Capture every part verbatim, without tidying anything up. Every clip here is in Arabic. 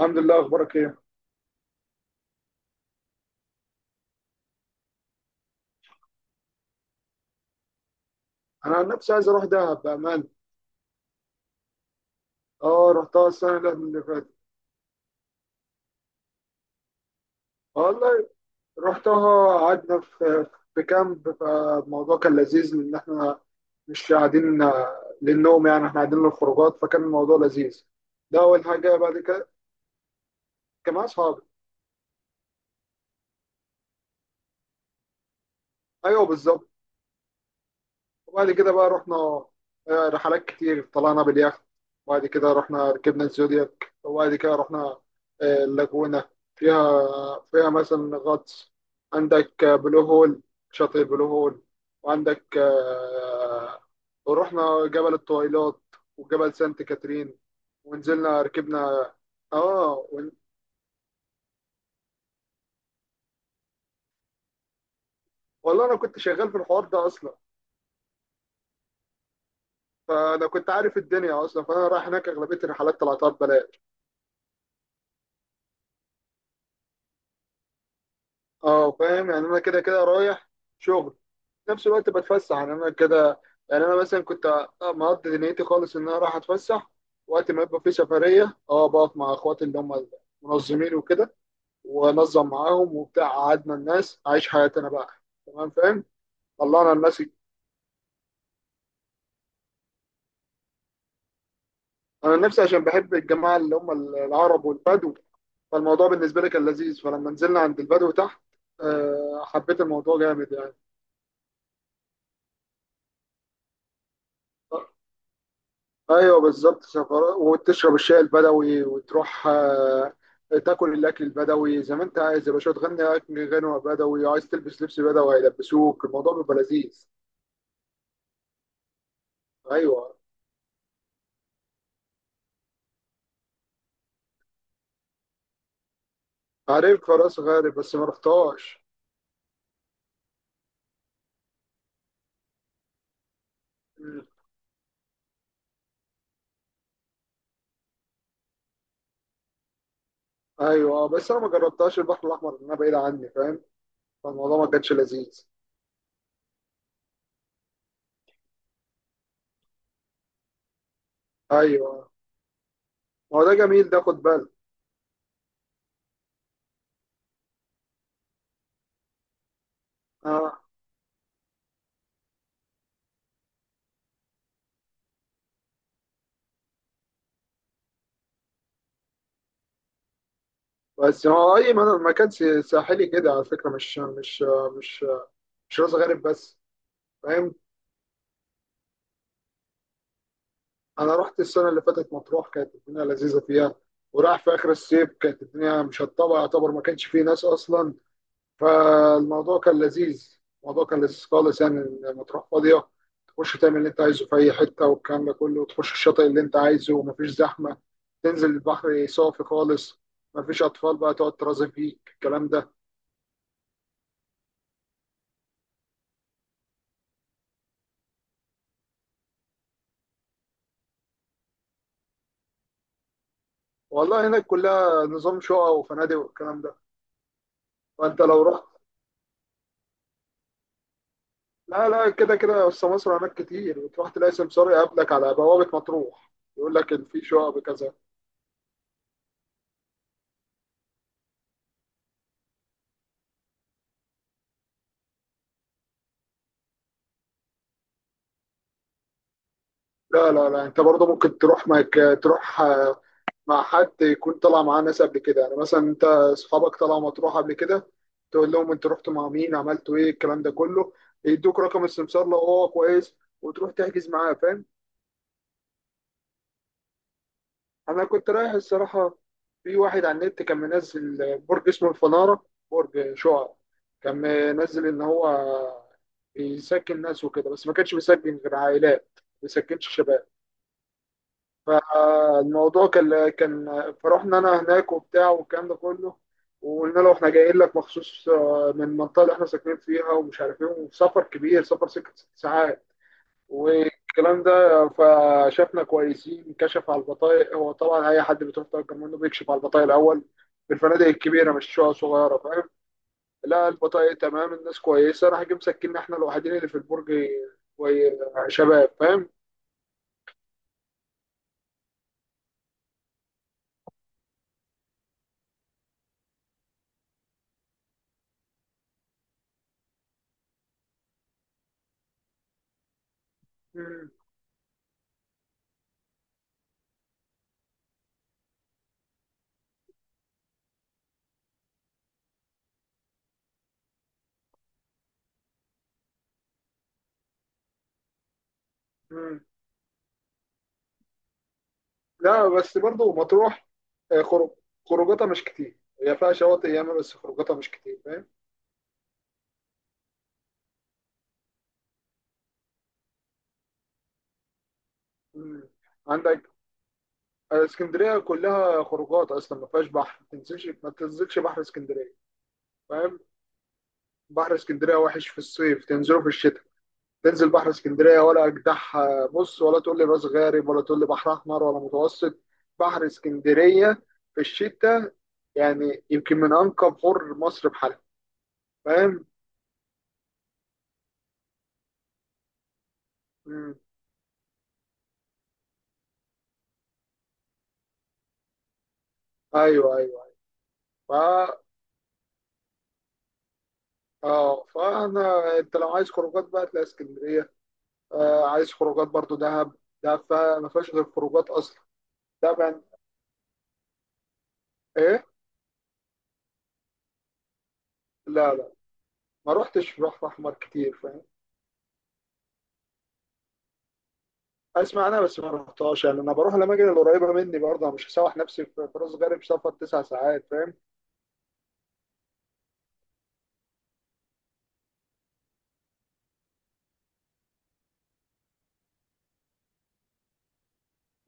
الحمد لله، اخبارك ايه؟ انا عن نفسي عايز اروح دهب بامان. اه، رحتها السنه اللي فاتت. والله، رحتها قعدنا في في كامب، فالموضوع كان لذيذ لان احنا مش قاعدين آه، للنوم، يعني احنا قاعدين للخروجات فكان الموضوع لذيذ. ده اول حاجه. بعد كده كان مع اصحابي. ايوه بالظبط. وبعد كده بقى رحنا آه، رحلات كتير، طلعنا باليخت. وبعد كده رحنا ركبنا الزودياك. وبعد كده رحنا آه، اللاجونة، فيها، فيها مثلا غطس. عندك آه، بلو هول، شاطئ بلو هول. وعندك آه، ورحنا جبل الطويلات وجبل سانت كاترين ونزلنا ركبنا. اه، ون- والله انا كنت شغال في الحوار ده اصلا، فانا كنت عارف الدنيا اصلا، فانا رايح هناك اغلبيه الرحلات طلعتها ببلاش. اه فاهم، يعني انا كده كده رايح شغل، في نفس الوقت بتفسح. يعني انا كده يعني انا مثلا كنت آه، مقضي دنيتي خالص ان انا رايح اتفسح. وقت ما يبقى في سفريه، اه، بقف مع اخواتي اللي هم المنظمين وكده وانظم معاهم وبتاع، قعدنا الناس عايش حياتي انا بقى. تمام فاهم. طلعنا الناس. انا نفسي عشان بحب الجماعه اللي هم العرب والبدو، فالموضوع بالنسبه لي كان لذيذ. فلما نزلنا عند البدو تحت، آه، حبيت الموضوع جامد يعني. ايوه بالظبط، سفر وتشرب الشاي البدوي وتروح آه، تاكل الاكل البدوي. زي ما انت عايز يا باشا، تغني اكل غنوه بدوي، عايز تلبس لبس بدوي هيلبسوك، الموضوع بيبقى لذيذ. ايوه. عارف راس غارب بس ما رحتهاش. مم. ايوه، بس انا ما جربتهاش البحر الاحمر لأن انا بعيد عني، فاهم. فالموضوع ما كانش لذيذ. ايوه. هو ده جميل ده، خد بالك. اه، بس هو اي من- مكان ساحلي كده على فكره، مش مش مش مش راس غارب بس، فاهم. انا رحت السنه اللي فاتت مطروح، كانت الدنيا لذيذه فيها. وراح في اخر الصيف كانت الدنيا مشطبه، يعتبر ما كانش فيه ناس اصلا، فالموضوع كان لذيذ. الموضوع كان لذيذ خالص، يعني إن مطروح فاضيه، تخش تعمل اللي انت عايزه في اي حته والكلام ده كله. تخش الشاطئ اللي انت عايزه ومفيش زحمه، تنزل البحر صافي خالص، مفيش اطفال بقى تقعد ترازي فيك الكلام ده. والله هناك كلها نظام شقق وفنادق والكلام ده. فانت لو رحت، لا لا، كده كده بس مصر هناك كتير، وتروح تلاقي سمسار يقابلك على بوابة مطروح، يقول لك إن في شقق كذا. لا لا لا، أنت برضه ممكن تروح معك، تروح آه، مع حد يكون طلع معاه ناس قبل كده. يعني مثلا أنت أصحابك طلعوا مطروح قبل كده، تقول لهم أنت رحتوا مع مين، عملتوا إيه الكلام ده كله، يدوك رقم السمسار لو هو كويس، وتروح تحجز معاه، فاهم. انا كنت رايح الصراحه في واحد على النت كان منزل برج اسمه الفناره، برج شعاع، كان منزل ان هو بيسكن ناس وكده، بس ما كانش بيسكن غير عائلات، ما بيسكنش شباب. فالموضوع كان كان فرحنا انا هناك وبتاع والكلام ده كله، وقلنا له احنا جايين لك مخصوص آه، من المنطقه اللي احنا ساكنين فيها ومش عارف ايه، وسفر كبير، سفر ست ساعات والكلام ده. فشافنا كويسين، كشف على البطايق. هو طبعا اي حد بتروح تأجر منه بيكشف على البطايق الاول في الفنادق الكبيره، مش شقق صغيره، فاهم. لا، البطايق تمام الناس كويسه، راح جه مسكننا احنا الوحيدين اللي في البرج. كوي- شباب فاهم. مم. مم. لا بس برضه مطروح آه، خروج خروجاتها مش كتير، هي فيها شواطئ ياما بس خروجاتها مش كتير، فاهم. مم. عندك آه، اسكندريه كلها خروجات اصلا، ما فيهاش بحر. ما تنزلش، ما تنزلش بحر اسكندريه، فاهم. بحر اسكندريه وحش في الصيف، تنزله في الشتاء. تنزل بحر اسكندريه، ولا اجدعها بص، ولا تقول لي راس غارب، ولا تقول لي بحر احمر، ولا متوسط. بحر اسكندريه في الشتاء يعني يمكن من انقى بحور مصر بحالها. فاهم. مم. ايوه ايوه. ف اه فانا انت لو عايز خروجات بقى، تلاقي اسكندريه. آه، عايز خروجات برضو دهب. دهب فيها- ما فيهاش غير خروجات اصلا. دهب يعني. ايه. لا لا، ما روحتش بحر احمر كتير، فاهم. اسمع انا بس ما رحتهاش، يعني انا بروح الاماكن اللي قريبه مني برضه. أنا مش هسوح نفسي في في راس غارب، سفر تسع ساعات، فاهم.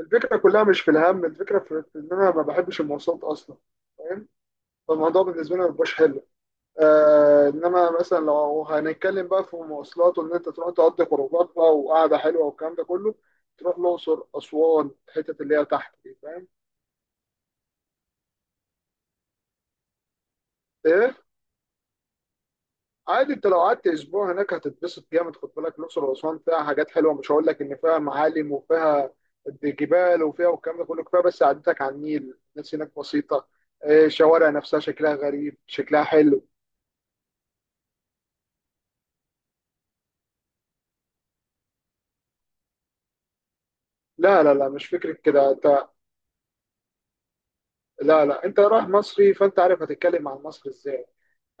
الفكره كلها مش في الهم، الفكره في في ان انا ما بحبش المواصلات اصلا، فاهم. فالموضوع بالنسبه لي ما بيبقاش حلو. آه، انما مثلا لو هنتكلم بقى في المواصلات، وان انت تروح تقضي خروجات بقى وقعده حلوه والكلام ده كله، تروح الاقصر اسوان، الحتت اللي هي تحت دي، فاهم. ايه. عادي، انت لو قعدت اسبوع هناك هتتبسط جامد، خد بالك. الاقصر واسوان فيها حاجات حلوه، مش هقول لك ان فيها معالم وفيها جبال وفيها والكلام ده كله، كفايه بس عدتك على النيل. الناس هناك بسيطه، آه، الشوارع نفسها شكلها غريب، شكلها حلو. لا لا لا، مش فكره كده انت. لا لا، انت رايح مصري فانت عارف هتتكلم عن مصر ازاي.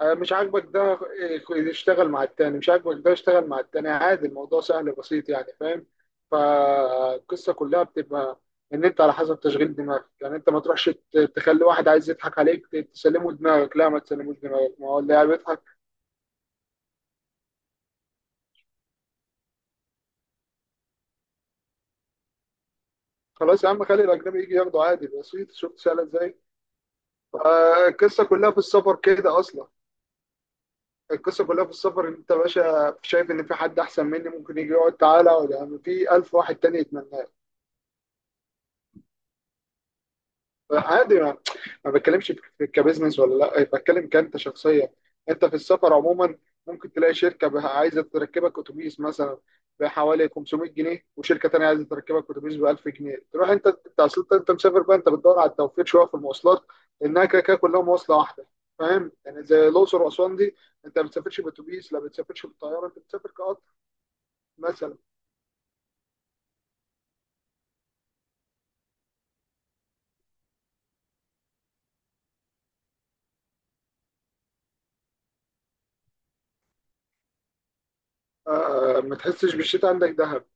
آه، مش عاجبك ده، آه، اشتغل مع التاني. مش عاجبك ده اشتغل مع التاني، عادي. الموضوع سهل بسيط يعني، فاهم. فالقصة كلها بتبقى ان انت على حسب تشغيل دماغك. يعني انت ما تروحش ت- تخلي واحد عايز يضحك عليك ت- تسلمه دماغك، لا، ما تسلموش دماغك، ما هو اللي قاعد بيضحك. خلاص يا عم، خلي الاجنبي يجي ياخده عادي بسيط، شفت سهله ازاي. آه، القصه كلها في السفر كده اصلا. القصه كلها في السفر، ان انت يا باشا شايف ان في حد احسن مني ممكن يجي يقعد، تعالى اقعد، يعني في الف واحد تاني يتمنى. عادي، ما, ما بتكلمش في كبزنس ولا لا إيه، بتكلم كأنت شخصيا. انت في السفر عموما ممكن تلاقي شركة بها- عايزة تركبك اتوبيس مثلا بحوالي خمسميت جنيه، وشركة تانية عايزة تركبك اتوبيس ب الف جنيه، تروح انت. انت اصل انت أنت مسافر بقى، انت بتدور على التوفير شوية في المواصلات، لانها كده كده كلها مواصلة واحدة. فاهم. يعني زي الاقصر واسوان دي، انت ما بتسافرش باتوبيس، لا بتسافرش بالطيارة، انت بتسافر كقطر. مثلا آه آه، ما تحسش بالشتاء، عندك دهب.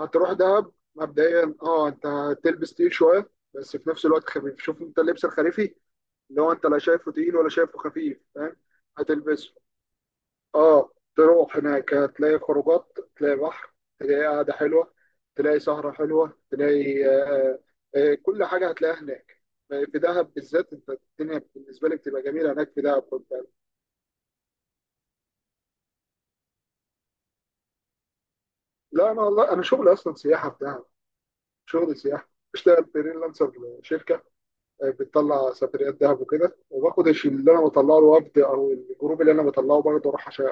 هتروح دهب مبدئيا، اه، انت تلبس تقيل شويه بس في نفس الوقت خفيف. شوف انت اللبس الخريفي اللي هو انت لا شايفه تقيل ولا شايفه خفيف، فاهم. هتلبسه. اه، تروح هناك هتلاقي خروجات، تلاقي بحر، تلاقي قعده حلوه، تلاقي سهره حلوه، تلاقي آه آه كل حاجه هتلاقيها هناك. في دهب بالذات، انت الدنيا بالنسبه لي بتبقى جميله هناك في دهب، خد بالك. لا، انا والله انا شغلي اصلا سياحه في دهب. شغلي سياحه، بشتغل فريلانسر شركه بتطلع سفريات دهب وكده، وباخد الشيم اللي انا بطلعه، الوفد او الجروب اللي انا بطلعه برضه اروح عشان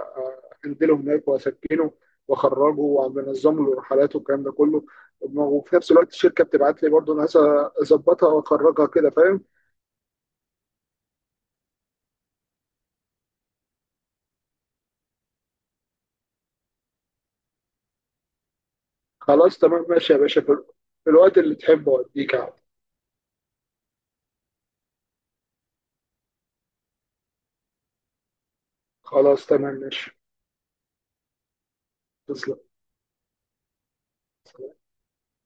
انزله هناك واسكنه واخرجه، وبنظم له الرحلات والكلام ده كله. وفي نفس الوقت الشركه بتبعت لي برضه ناس اظبطها واخرجها كده، فاهم. خلاص تمام ماشي يا باشا، في في الوقت اللي تحبه اوديك عادي. خلاص تمام ماشي. تسلم.